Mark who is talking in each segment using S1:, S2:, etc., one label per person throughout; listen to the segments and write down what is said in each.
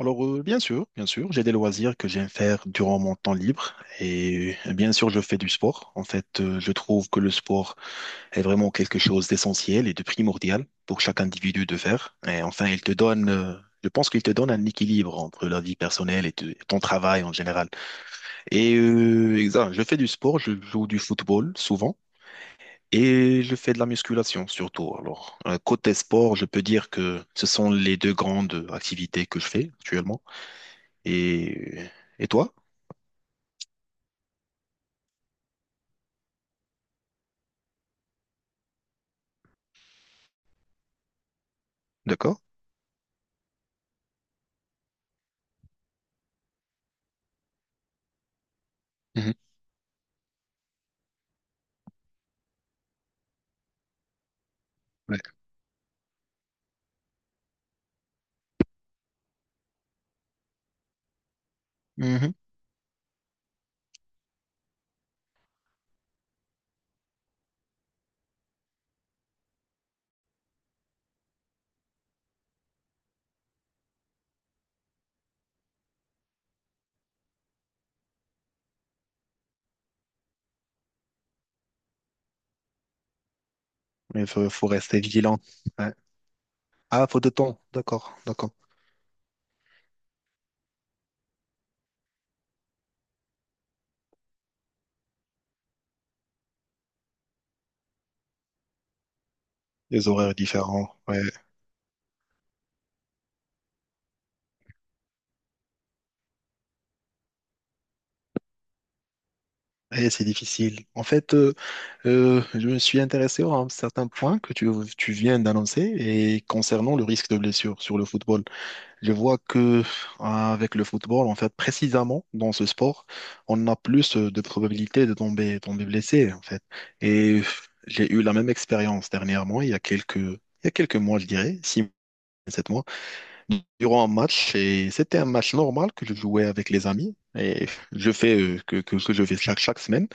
S1: Alors, bien sûr, j'ai des loisirs que j'aime faire durant mon temps libre et bien sûr, je fais du sport. En fait, je trouve que le sport est vraiment quelque chose d'essentiel et de primordial pour chaque individu de faire. Et enfin, il te donne, je pense qu'il te donne un équilibre entre la vie personnelle et ton travail en général. Et exact, je fais du sport, je joue du football souvent. Et je fais de la musculation surtout. Alors, côté sport, je peux dire que ce sont les deux grandes activités que je fais actuellement. Et, et toi? D'accord? Mhm. Ouais. Mhm. Il faut rester vigilant. Ouais. Ah, faut de temps. D'accord, d'accord. Des horaires différents. Ouais. Et c'est difficile. En fait, je me suis intéressé à un certain point que tu viens d'annoncer et concernant le risque de blessure sur le football. Je vois que avec le football, en fait, précisément dans ce sport, on a plus de probabilités de tomber blessé, en fait. Et j'ai eu la même expérience dernièrement, il y a quelques mois, je dirais, 6, 7 mois, durant un match. Et c'était un match normal que je jouais avec les amis. Et je fais que je fais chaque semaine.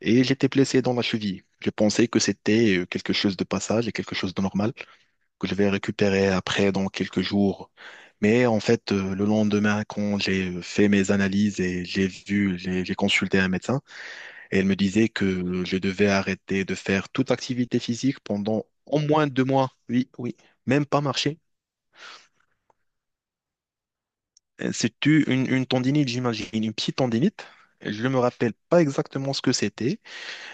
S1: Et j'étais blessé dans la cheville. Je pensais que c'était quelque chose de passage et quelque chose de normal que je vais récupérer après dans quelques jours. Mais en fait, le lendemain, quand j'ai fait mes analyses et j'ai vu, j'ai consulté un médecin, et elle me disait que je devais arrêter de faire toute activité physique pendant au moins 2 mois. Oui, oui, même pas marcher. C'est-tu une, une tendinite, j'imagine, une petite tendinite? Je ne me rappelle pas exactement ce que c'était,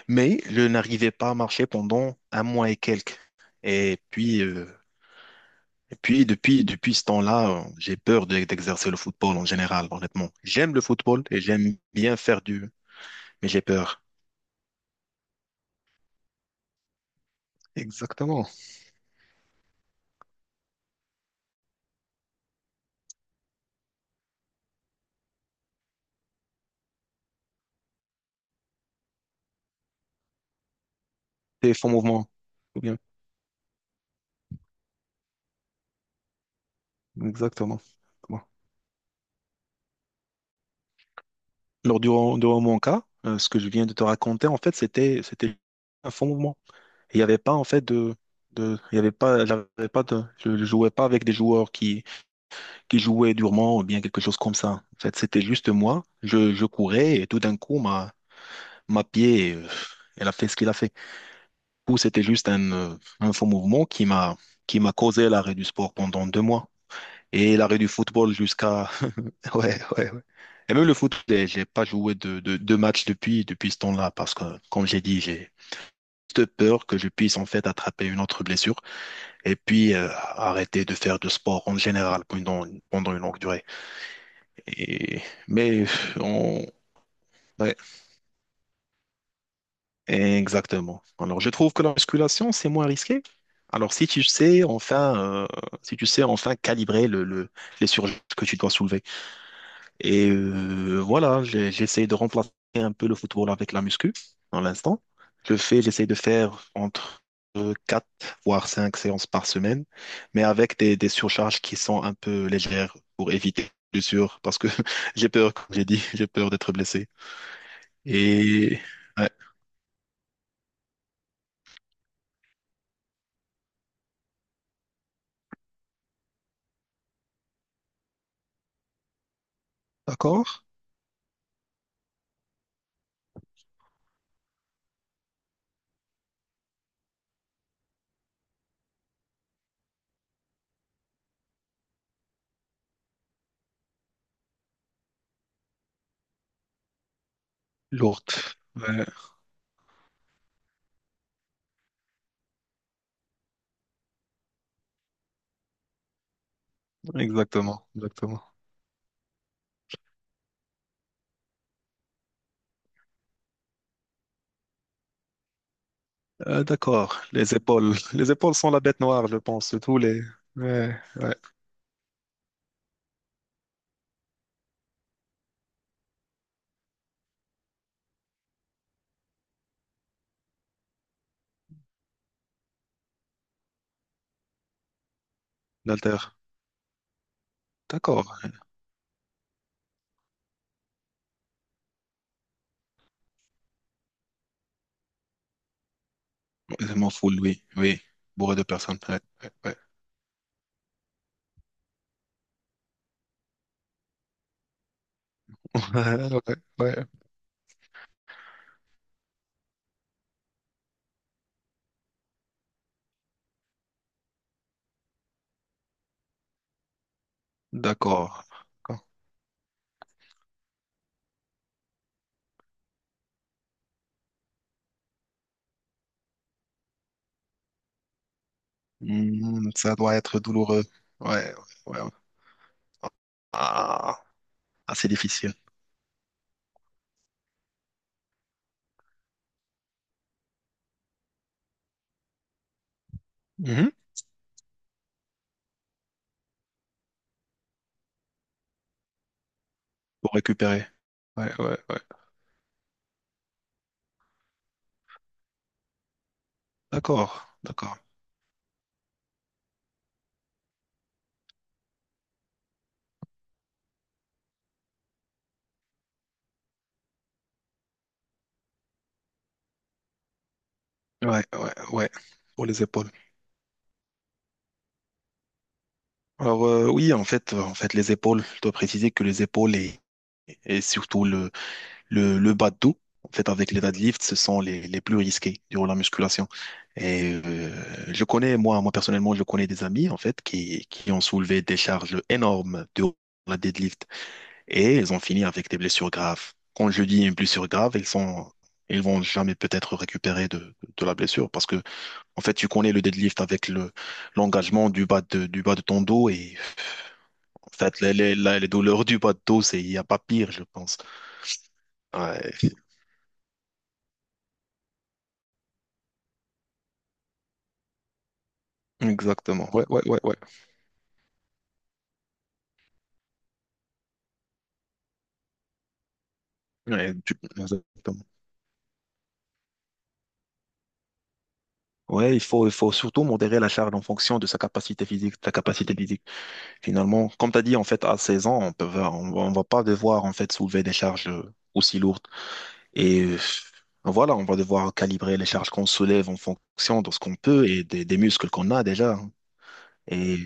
S1: mais je n'arrivais pas à marcher pendant un mois et quelques. Et puis, euh, Et puis, depuis ce temps-là, j'ai peur d'exercer le football en général, honnêtement. J'aime le football et j'aime bien faire du, mais j'ai peur. Exactement. C'est faux mouvement. Ou bien, exactement. Bon. Alors, durant mon cas, ce que je viens de te raconter, en fait, c'était un faux mouvement. Il n'y avait pas, en fait, il y avait pas, j'avais pas de, je ne jouais pas avec des joueurs qui jouaient durement ou bien quelque chose comme ça. En fait, c'était juste moi. Je courais et tout d'un coup, ma pied, elle a fait ce qu'il a fait. Coup, c'était juste un faux mouvement qui m'a causé l'arrêt du sport pendant 2 mois et l'arrêt du football jusqu'à ouais, ouais ouais et même le foot j'ai pas joué de match depuis ce temps-là, parce que comme j'ai dit j'ai juste peur que je puisse en fait attraper une autre blessure et puis arrêter de faire de sport en général pendant une longue durée et mais on, ouais. Exactement. Alors, je trouve que la musculation, c'est moins risqué. Alors, si tu sais enfin, si tu sais enfin calibrer le, les surcharges que tu dois soulever. Et voilà, j'essaie de remplacer un peu le football avec la muscu, dans l'instant. J'essaie de faire entre 4 voire 5 séances par semaine, mais avec des surcharges qui sont un peu légères pour éviter, bien sûr, parce que j'ai peur, comme j'ai dit, j'ai peur d'être blessé. Et ouais, d'accord. Lourde. Ouais, exactement, exactement. D'accord. Les épaules. Les épaules sont la bête noire, je pense, de tous les. Ouais, ouais. L'alter. D'accord. Je m'en fous, oui. Oui. Bourré de personnes. Ouais, ouais, ouais. Ouais, ouais, ouais. D'accord. D'accord. Hmm, ça doit être douloureux. Ouais, ouais, ouais. Ah, assez difficile. Mhm. Pour récupérer. Ouais, ouais, ouais. D'accord, d'accord. Ouais, ouais, ouais. Pour les épaules. Alors oui, en fait, les épaules, je dois préciser que les épaules et surtout le bas de dos, en fait, avec les deadlifts, ce sont les plus risqués durant la musculation. Et je connais, moi, moi personnellement, je connais des amis, en fait, qui ont soulevé des charges énormes durant la deadlift et ils ont fini avec des blessures graves. Quand je dis une blessure grave, ils vont jamais peut-être récupérer de la blessure parce que, en fait, tu connais le deadlift avec le l'engagement du bas de ton dos et en fait, les, les douleurs du bas bateau, c'est, il n'y a pas pire, je pense. Ouais, exactement. Ouais, ouais, ouais, ouais. Ouais, exactement. Ouais, il faut surtout modérer la charge en fonction de sa capacité physique, de la capacité physique. Finalement, comme tu as dit, en fait, à 16 ans, on peut, on va pas devoir, en fait, soulever des charges aussi lourdes. Et voilà, on va devoir calibrer les charges qu'on soulève en fonction de ce qu'on peut et des muscles qu'on a déjà, hein. Et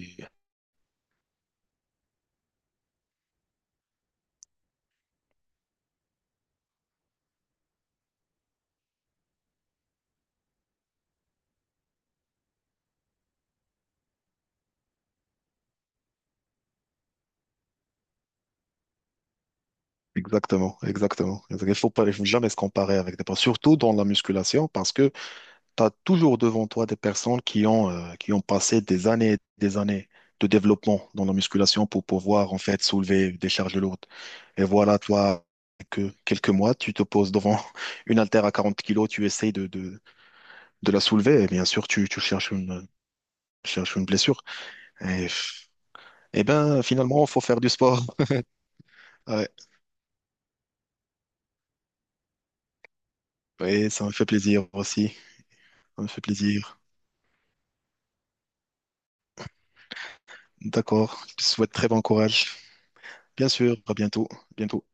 S1: Exactement, Il faut pas, il faut jamais se comparer avec des personnes, surtout dans la musculation, parce que tu as toujours devant toi des personnes qui ont passé des années, et des années de développement dans la musculation pour pouvoir en fait soulever des charges lourdes. Et voilà, toi, que quelques mois, tu te poses devant une haltère à 40 kilos, tu essayes de la soulever, et bien sûr, tu cherches une, tu cherches une blessure. Et, et ben, finalement, faut faire du sport. Ouais, ouais, ça me fait plaisir aussi. Ça me fait plaisir. D'accord. Je te souhaite très bon courage. Bien sûr, à bientôt. Bientôt.